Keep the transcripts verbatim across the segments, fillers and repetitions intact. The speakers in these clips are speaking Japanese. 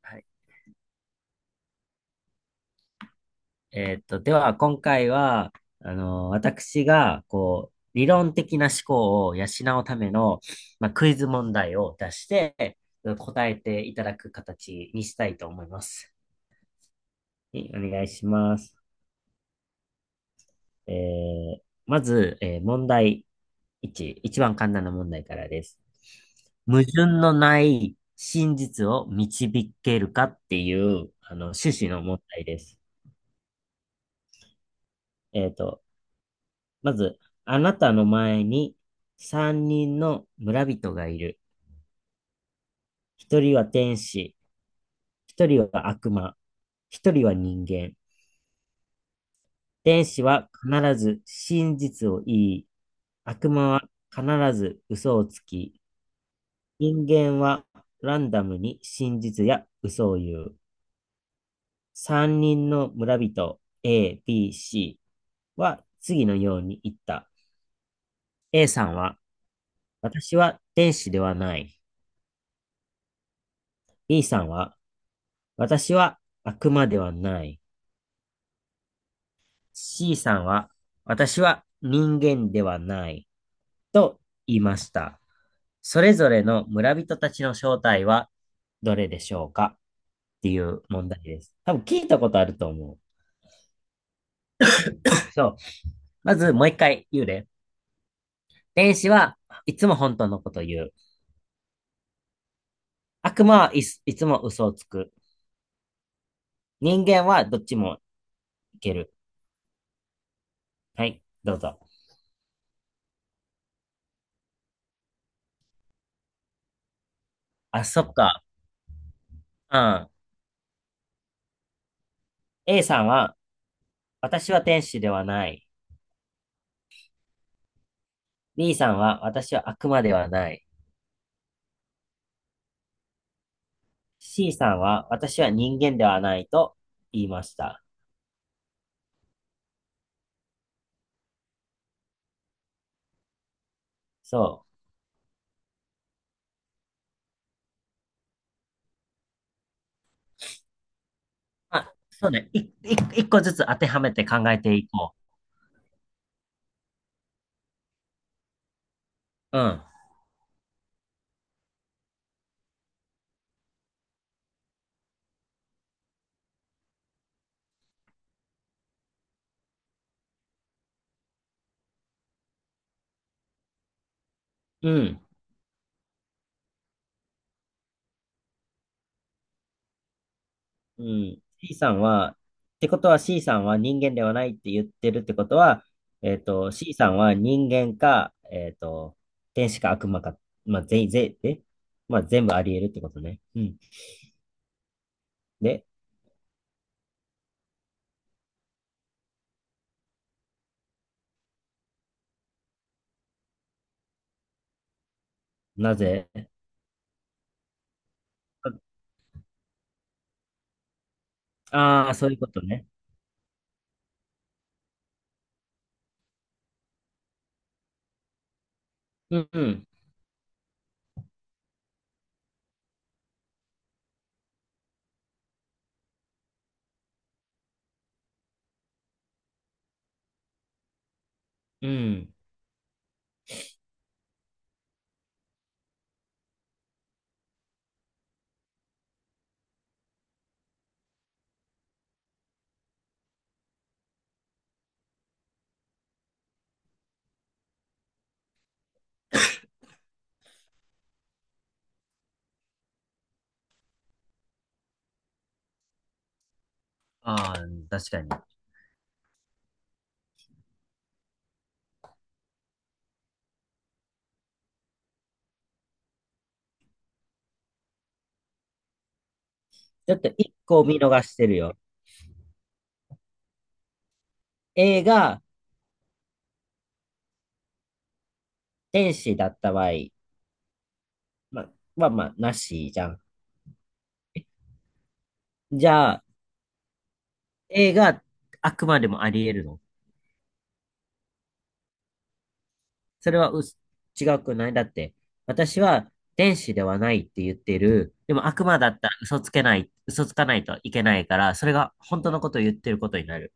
はい。えーっと、では、今回は、あの、私が、こう、理論的な思考を養うための、まあ、クイズ問題を出して、答えていただく形にしたいと思います。はい、お願いします。えー、まず、えー問題いち、一番簡単な問題からです。矛盾のない真実を導けるかっていう、あの、趣旨の問題です。えーっと、まず、あなたの前に三人の村人がいる。一人は天使、一人は悪魔、一人は人間。天使は必ず真実を言い、悪魔は必ず嘘をつき、人間はランダムに真実や嘘を言う。三人の村人 A、B、C は次のように言った。A さんは、私は天使ではない。B さんは、私は悪魔ではない。C さんは、私は人間ではない。と言いました。それぞれの村人たちの正体はどれでしょうかっていう問題です。多分聞いたことあると思う。そう。まずもう一回言うね。天使はいつも本当のこと言う。悪魔はいついつも嘘をつく。人間はどっちもいける。はい、どうぞ。あ、そっか。うん。A さんは私は天使ではない。B さんは私は悪魔ではない。C さんは私は人間ではないと言いました。そう。まあ、そうね。い、い、一個ずつ当てはめて考えていこう。うん。うん。うん。C さんは、ってことは C さんは人間ではないって言ってるってことは、えっと、C さんは人間か、えっと、天使か悪魔か、まあ、全員、ぜえまあ、全部あり得るってことね。うん。で、なぜああー、そういうことね。うん、うん。ああ、確かに。ちょっと一個を見逃してるよ。A が天使だった場合、まあ、まあまあ、なしじゃん。じゃあ、A があくまでもあり得るのそれはうす違くないだって、私は天使ではないって言ってる。でも悪魔だったら嘘つけない、嘘つかないといけないから、それが本当のことを言ってることになる。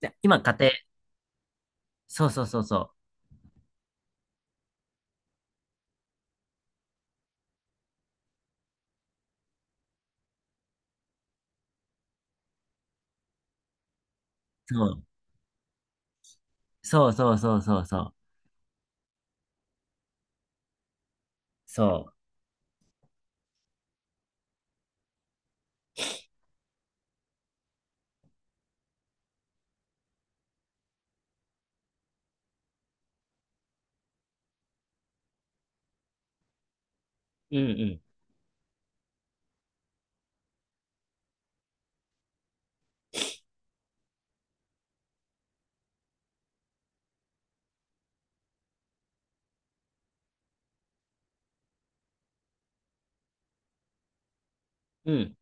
で今、家庭、そうそうそうそう。そう、そうそうそうそうそう。そう。うんうん。うん。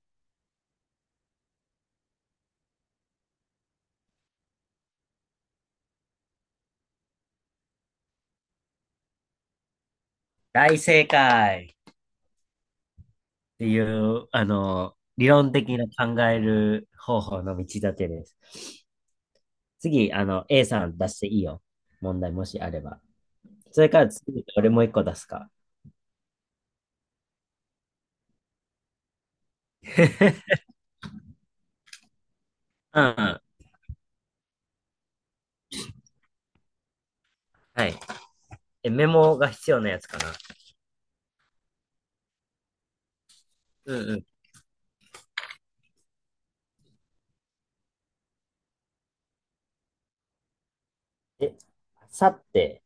大正解っていう、あの、理論的な考える方法の道立てです。次、あの、A さん出していいよ。問題もしあれば。それから次、俺もう一個出すか。うんうん。はい。え、メモが必要なやつかな。うんうん。え、あさって、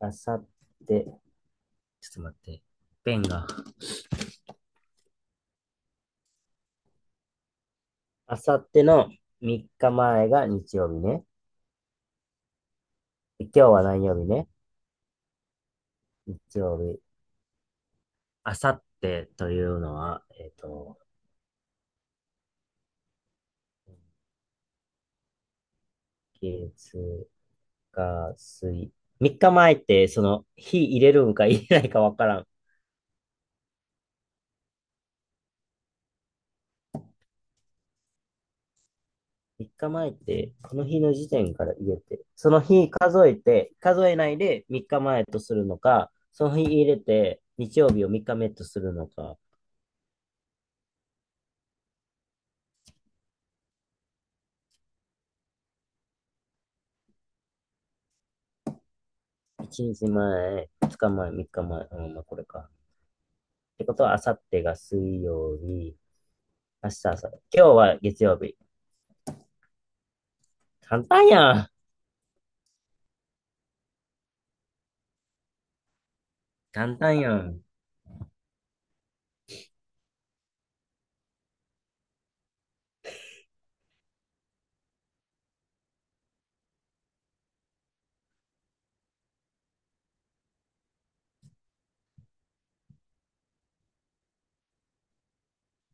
あさって、ちょっと待って。ペンが。あさってのさんにちまえが日曜日ね。で今日は何曜日ね。日曜日。あさってというのは、えっ、と、月、火、水。さんにちまえって、その、日入れるんか入れないかわからん。さんにちまえって、この日の時点から入れて、その日数えて、数えないでさんにちまえとするのか、その日入れて、日曜日をみっかめとするのか、いちにちまえ、ふつかまえ、さんにちまえ、うん、まあこれか。ってことは、あさってが水曜日、明日朝、今日は月曜日。簡単やん。簡単やん。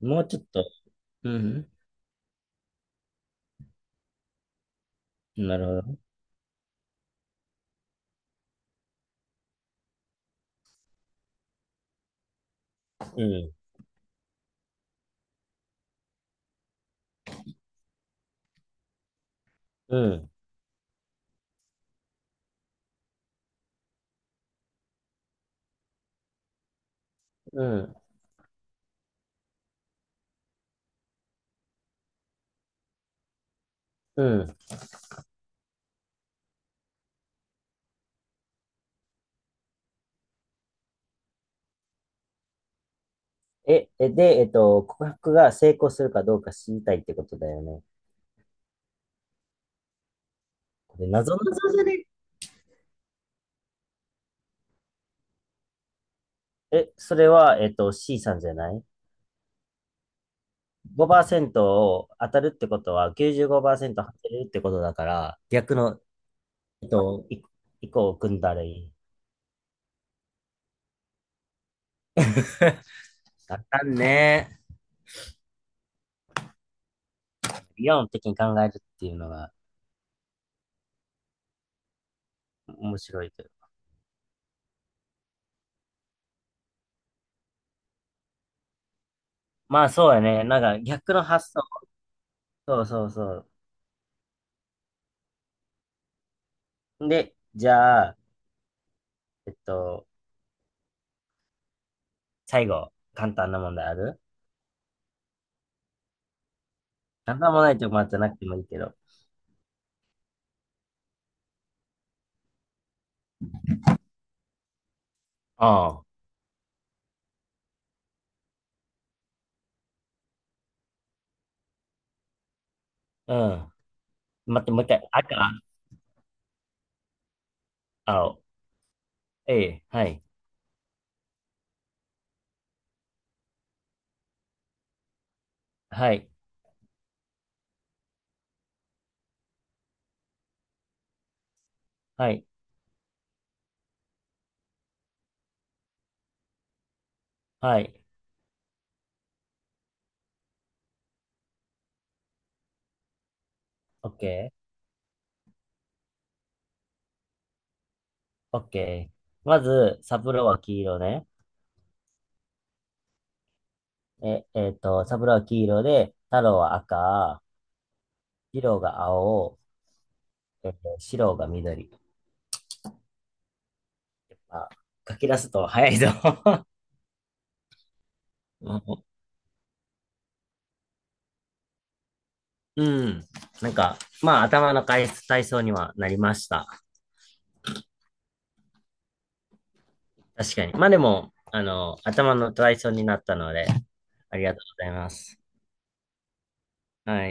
もうちょっと。うん。なるほど。うん。うん。うん、うん。え、え、で、えっと、告白が成功するかどうか知りたいってことだよね。これ、謎々じゃねえ、それは、えっと、C さんじゃない。ごパーセントを当たるってことはきゅうじゅうごパーセント当てるってことだから、逆の、えっと、い一個を組んだらいい。あかんね。理論的に考えるっていうのが面白いけど。まあそうやね。なんか逆の発想。そうそうそう。で、じゃあ、えっと、最後、簡単な問題ある？なんもないとこまじゃなくてもいいけど。ああ、うん。待って、もう一回。赤、青、ええ、はい、はい、はい、はい、オッケー、オッケー。まず、サブローは黄色ね。え、えっと、サブローは黄色で、太郎は赤、二郎が青、えっと、白が緑。まあ、書き出すと早いぞ。うん。なんか、まあ、頭の体体操にはなりました。確かに。まあでも、あの、頭の体操になったので、ありがとうございます。はい。